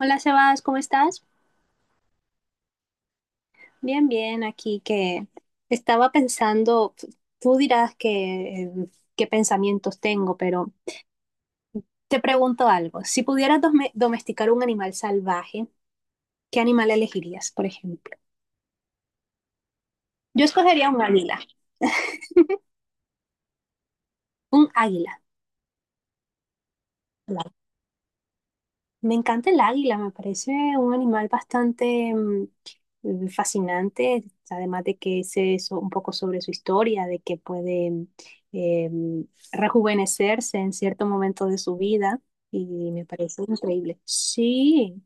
Hola Sebas, ¿cómo estás? Bien, bien, aquí que estaba pensando, tú dirás que, qué pensamientos tengo, pero te pregunto algo. Si pudieras domesticar un animal salvaje, ¿qué animal elegirías, por ejemplo? Yo escogería un águila, un águila. Me encanta el águila, me parece un animal bastante fascinante, además de que un poco sobre su historia, de que puede eh, mm, rejuvenecerse en cierto momento de su vida y me parece increíble. Sí,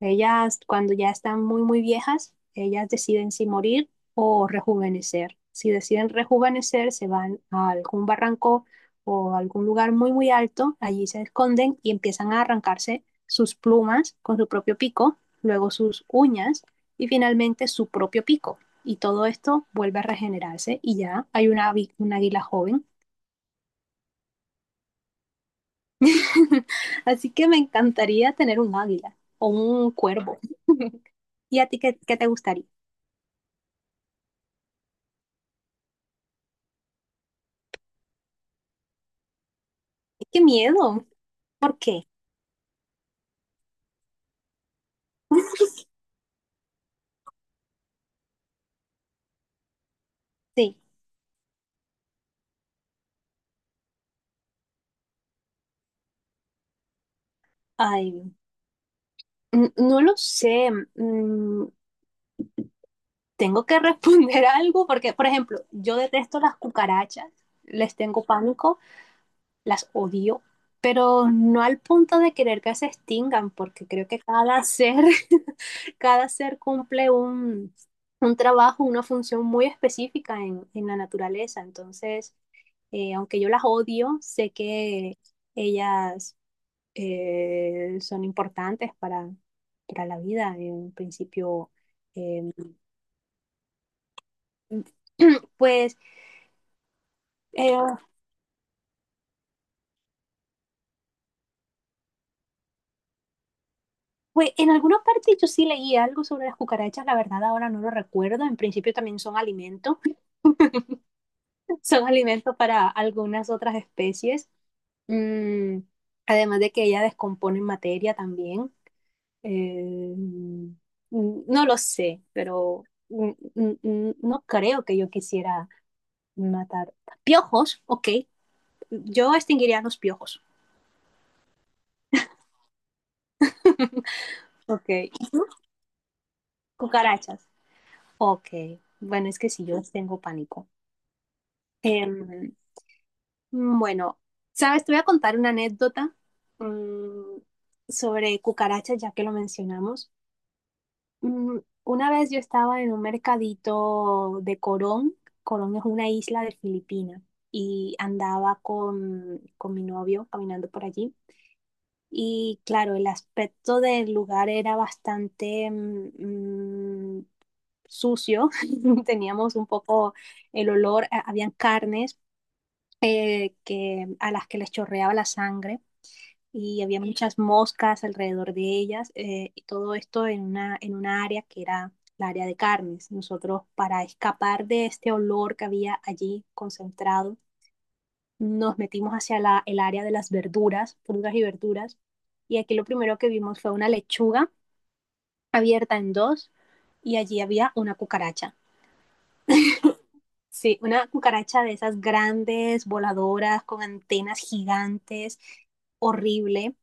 ellas, cuando ya están muy, muy viejas, ellas deciden si morir o rejuvenecer. Si deciden rejuvenecer, se van a algún barranco o a algún lugar muy, muy alto. Allí se esconden y empiezan a arrancarse sus plumas con su propio pico, luego sus uñas y finalmente su propio pico. Y todo esto vuelve a regenerarse y ya hay un águila joven. Así que me encantaría tener un águila o un cuervo. ¿Y a ti qué te gustaría? Qué miedo. ¿Por qué? Sí. Ay, no lo sé. Mm, Tengo que responder algo porque, por ejemplo, yo detesto las cucarachas, les tengo pánico, las odio, pero no al punto de querer que se extingan, porque creo que cada ser, cada ser cumple un trabajo, una función muy específica en la naturaleza. Entonces, aunque yo las odio, sé que ellas son importantes para la vida. En principio, eh, pues, eh, pues en alguna parte yo sí leí algo sobre las cucarachas, la verdad ahora no lo recuerdo. En principio también son alimento, son alimento para algunas otras especies. Mm, Además de que ella descompone materia también. Eh, mm, no lo sé, pero no creo que yo quisiera matar piojos, ok. Yo extinguiría los piojos. Ok, cucarachas. Ok, bueno, es que si yo les tengo pánico. Em, bueno, ¿sabes? Te voy a contar una anécdota mm, sobre cucarachas, ya que lo mencionamos. Una vez yo estaba en un mercadito de Corón. Corón es una isla de Filipinas y andaba con mi novio caminando por allí. Y claro, el aspecto del lugar era bastante sucio, teníamos un poco el olor, habían carnes a las que les chorreaba la sangre y había muchas moscas alrededor de ellas y todo esto en en una área que era la área de carnes. Nosotros para escapar de este olor que había allí concentrado, nos metimos hacia el área de las verduras, frutas y verduras y aquí lo primero que vimos fue una lechuga abierta en dos y allí había una cucaracha. Sí, una cucaracha de esas grandes, voladoras, con antenas gigantes, horrible,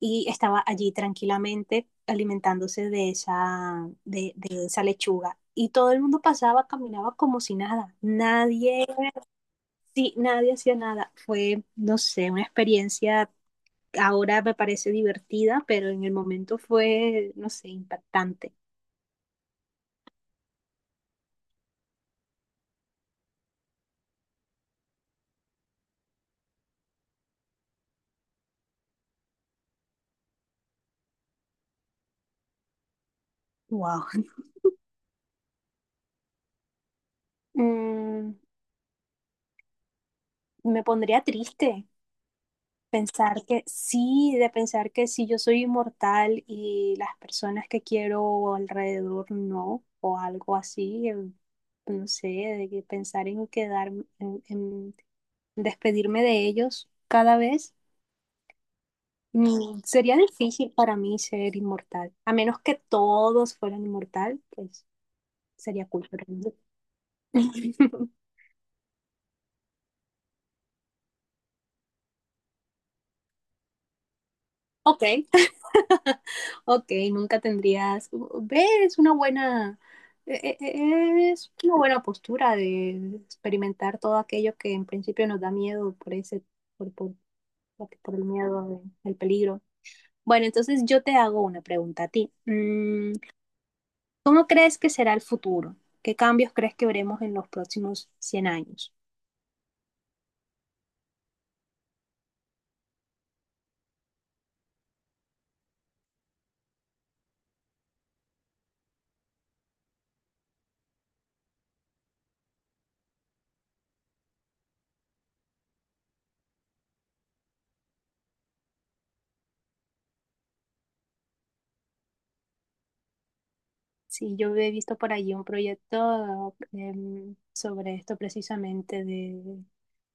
y estaba allí tranquilamente alimentándose de esa, de esa lechuga. Y todo el mundo pasaba, caminaba como si nada. Nadie, sí, nadie hacía nada. Fue, no sé, una experiencia ahora me parece divertida, pero en el momento fue, no sé, impactante. Wow. Mm, Me pondría triste. Pensar que sí, de pensar que sí, yo soy inmortal y las personas que quiero alrededor no, o algo así, no sé, de que pensar en quedarme, en despedirme de ellos cada vez, sería difícil para mí ser inmortal, a menos que todos fueran inmortal, pues sería cool. Pero no. Ok, ok, nunca tendrías. ¿Ves? Una buena. Es una buena postura de experimentar todo aquello que en principio nos da miedo por ese, por, por, por el miedo del peligro. Bueno, entonces yo te hago una pregunta a ti. ¿Cómo crees que será el futuro? ¿Qué cambios crees que veremos en los próximos 100 años? Sí, yo he visto por allí un proyecto sobre esto precisamente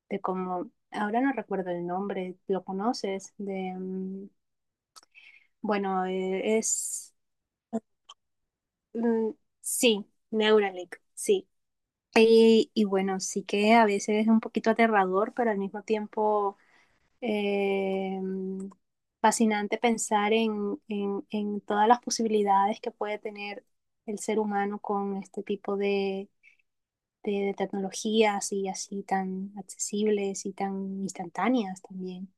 de como, ahora no recuerdo el nombre, ¿lo conoces? De, bueno, es, mm, sí, Neuralink, sí. Y bueno, sí que a veces es un poquito aterrador, pero al mismo tiempo eh, fascinante pensar en, en todas las posibilidades que puede tener el ser humano con este tipo de tecnologías y así tan accesibles y tan instantáneas también.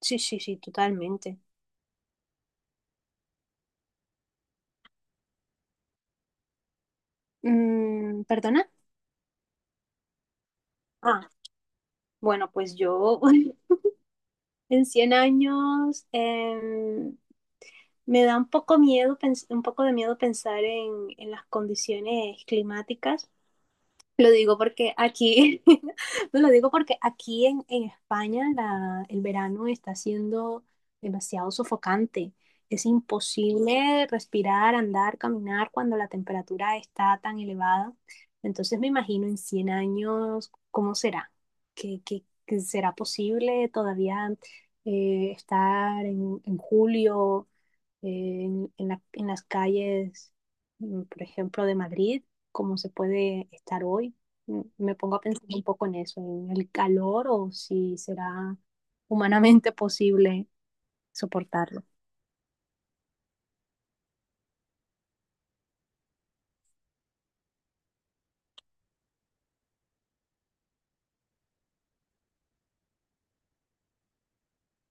Sí, sí, sí, totalmente. Mm, ¿perdona? Ah, bueno, pues yo en 100 años me da un poco miedo, un poco de miedo pensar en las condiciones climáticas. Lo digo porque aquí, no, lo digo porque aquí en España el verano está siendo demasiado sofocante. Es imposible respirar, andar, caminar cuando la temperatura está tan elevada. Entonces me imagino en 100 años cómo será, que, que será posible todavía estar en julio en, en las calles, por ejemplo, de Madrid, cómo se puede estar hoy. Me pongo a pensar un poco en eso, en el calor o si será humanamente posible soportarlo.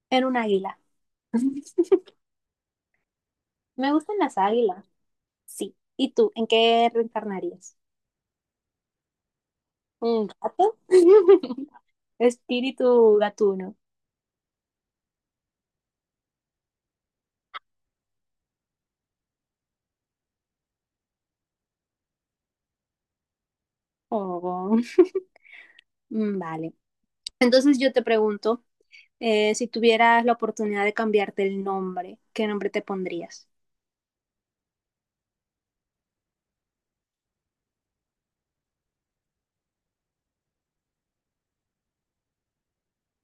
En un águila. Me gustan las águilas, sí. ¿Y tú, en qué reencarnarías? ¿Un gato? Espíritu gatuno. Oh, vale. Entonces yo te pregunto. Si tuvieras la oportunidad de cambiarte el nombre, ¿qué nombre te pondrías?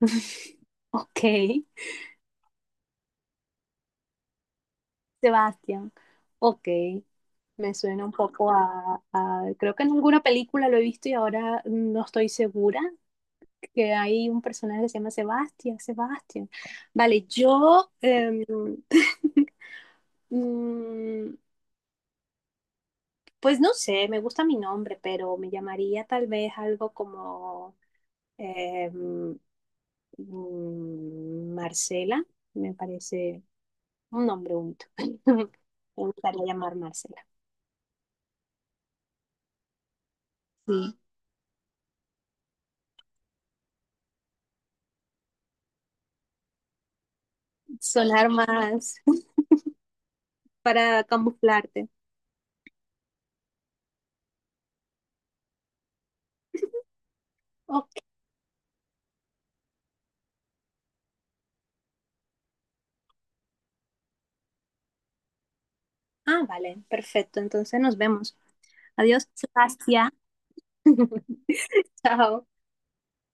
Ok, Sebastián. Ok, me suena un poco creo que en alguna película lo he visto y ahora no estoy segura que hay un personaje que se llama Sebastián, Sebastián. Vale, yo... mm, pues no sé, me gusta mi nombre, pero me llamaría tal vez algo como... Eh, mm, Marcela, me parece un nombre bonito. Me gustaría llamar Marcela. Sí, sonar más para camuflarte. Ok. Ah, vale, perfecto. Entonces nos vemos. Adiós, Sebastián. Chao.